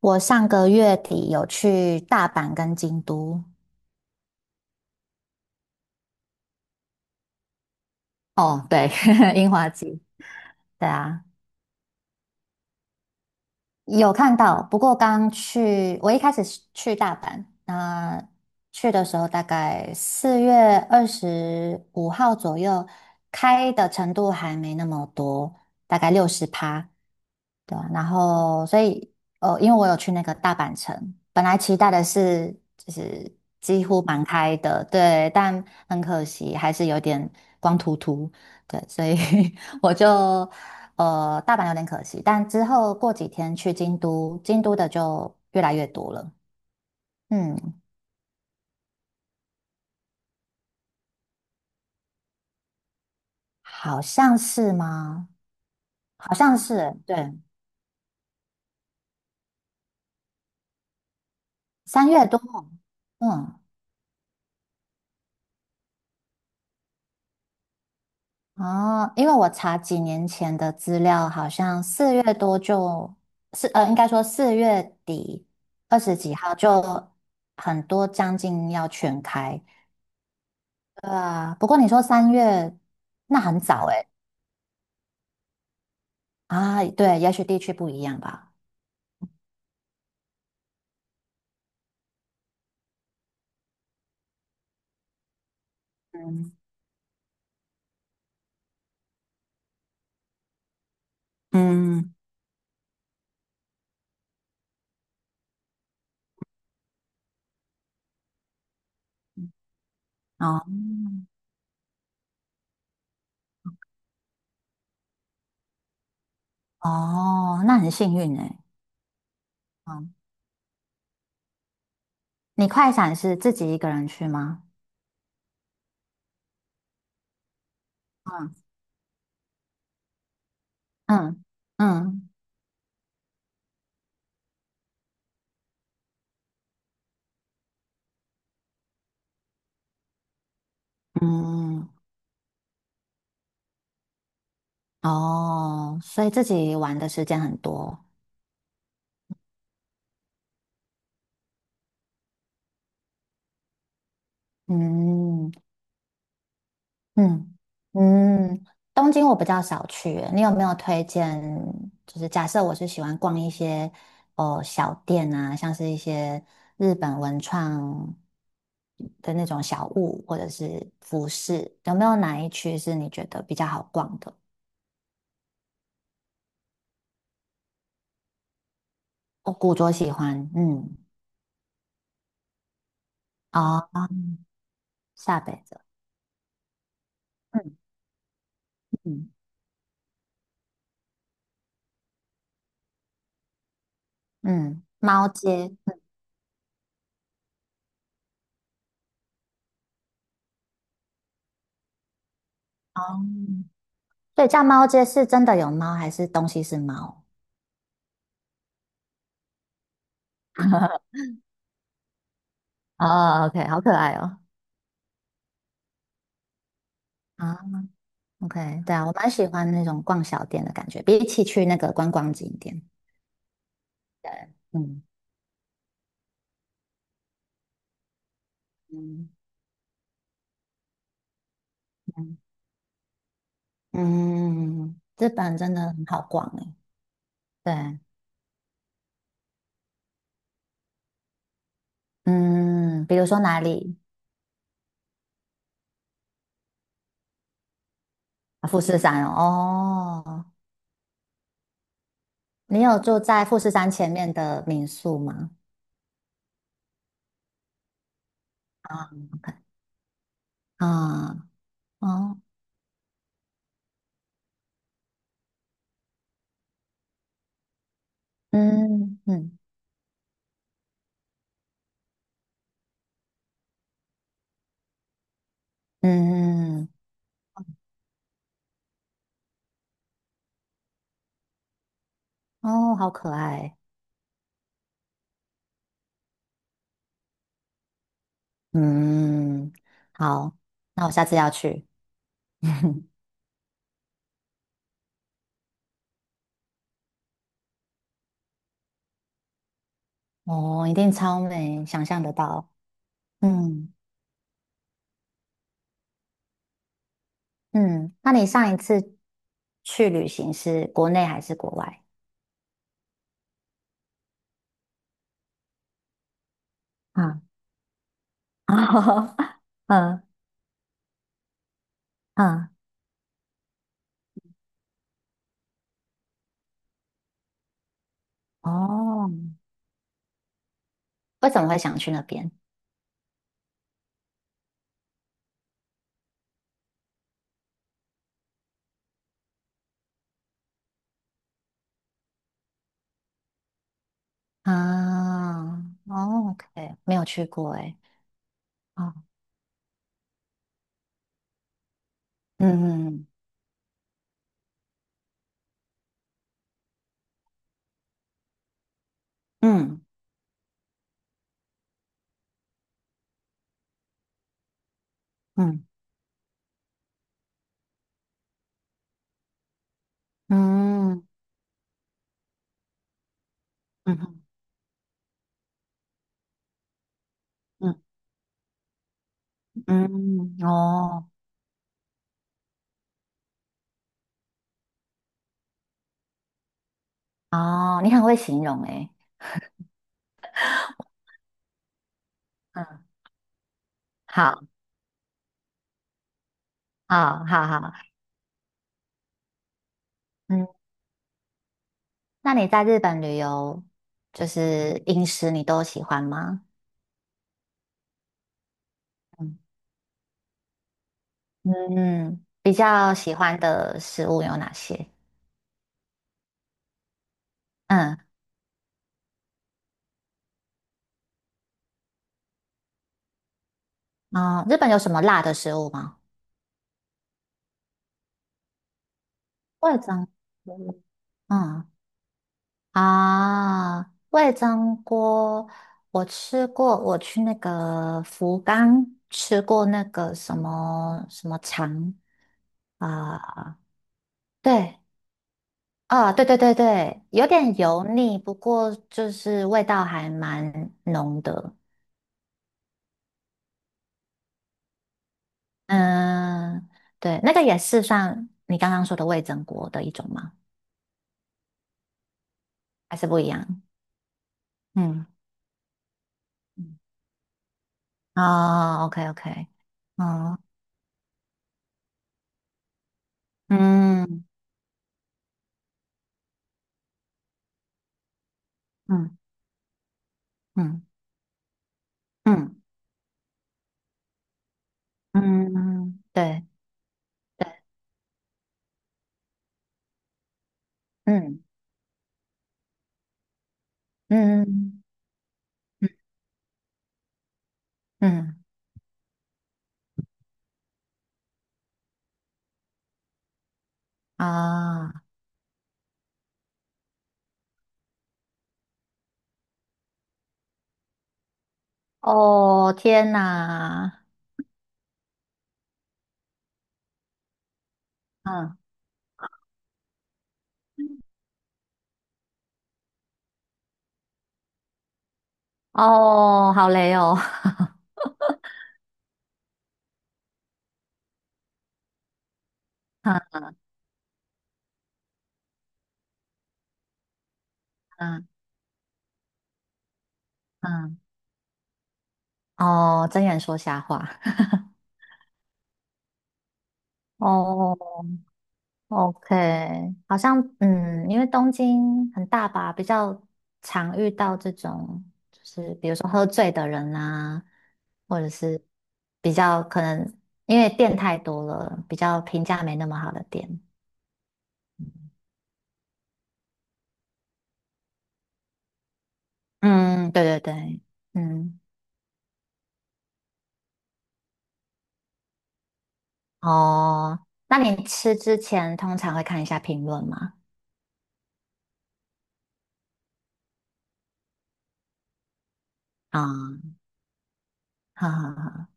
我上个月底有去大阪跟京都，哦，对，樱花季，对啊，有看到，不过刚去，我一开始是去大阪，那去的时候大概4月25号左右，开的程度还没那么多，大概60%，对啊，然后所以因为我有去那个大阪城，本来期待的是就是几乎满开的，对，但很可惜还是有点光秃秃，对，所以 我就大阪有点可惜，但之后过几天去京都，京都的就越来越多了。嗯，好像是吗？好像是，对，3月多。嗯，哦，因为我查几年前的资料，好像4月多就，应该说4月底20几号就很多将近要全开。对啊，不过你说三月，那很早诶。啊，对，也许地区不一样吧。嗯。哦哦，那很幸运哎。嗯，你快闪是自己一个人去吗？嗯嗯嗯嗯，嗯哦，所以自己玩的时间很多。嗯，嗯嗯，东京我比较少去耶你有没有推荐？就是假设我是喜欢逛一些哦小店啊，像是一些日本文创的那种小物或者是服饰，有没有哪一区是你觉得比较好逛的？我古着喜欢，嗯，哦，下北泽，嗯嗯嗯，猫街，猫，所以叫猫街是真的有猫还是东西是猫？哦 OK 好可爱哦。啊。OK，对啊，我蛮喜欢那种逛小店的感觉，比起去那个观光景点。对，嗯嗯嗯，嗯，日本真的很好逛诶。对，嗯，比如说哪里？啊富士山哦。哦，你有住在富士山前面的民宿吗？啊啊哦，嗯嗯嗯，哦，好可爱。嗯，好，那我下次要去。哦，一定超美，想象得到。嗯嗯，那你上一次去旅行是国内还是国外？啊，嗯嗯，哦，为什么会想去那边？啊，哦，OK，没有去过哎。哦，嗯嗯嗯嗯嗯嗯嗯，嗯，哦哦，你很会形容哎。嗯，好，好，好，好，嗯，那你在日本旅游，就是饮食你都喜欢吗？嗯，比较喜欢的食物有哪些？嗯，啊，日本有什么辣的食物吗？味噌锅嗯味噌锅我吃过，我去那个福冈吃过那个什么什么肠啊，对啊，对对对对，有点油腻，不过就是味道还蛮浓的。嗯，对，那个也是算你刚刚说的味噌锅的一种吗？还是不一样。嗯，哦，OK OK，哦，嗯嗯嗯嗯嗯，对对，嗯嗯嗯嗯啊，哦，天哪，嗯，哦，好累哦，嗯嗯嗯，哦，睁眼说瞎话，哦，OK，好像因为东京很大吧，比较常遇到这种，就是比如说喝醉的人啊，或者是比较可能因为店太多了，比较评价没那么好的店。嗯，对对对，嗯，哦，那你吃之前通常会看一下评论吗？啊、哈哈哈，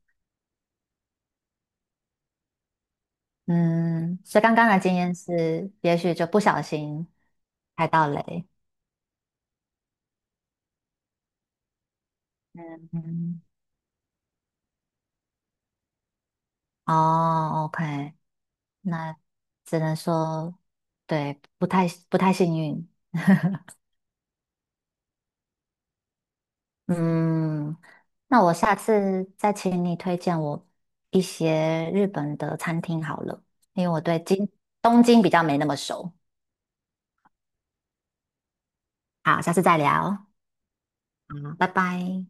嗯，所以刚刚的经验是，也许就不小心踩到雷。嗯嗯。哦，OK，那只能说，对，不太幸运。嗯，那我下次再请你推荐我一些日本的餐厅好了，因为我对东京比较没那么熟。好，下次再聊。好，拜拜。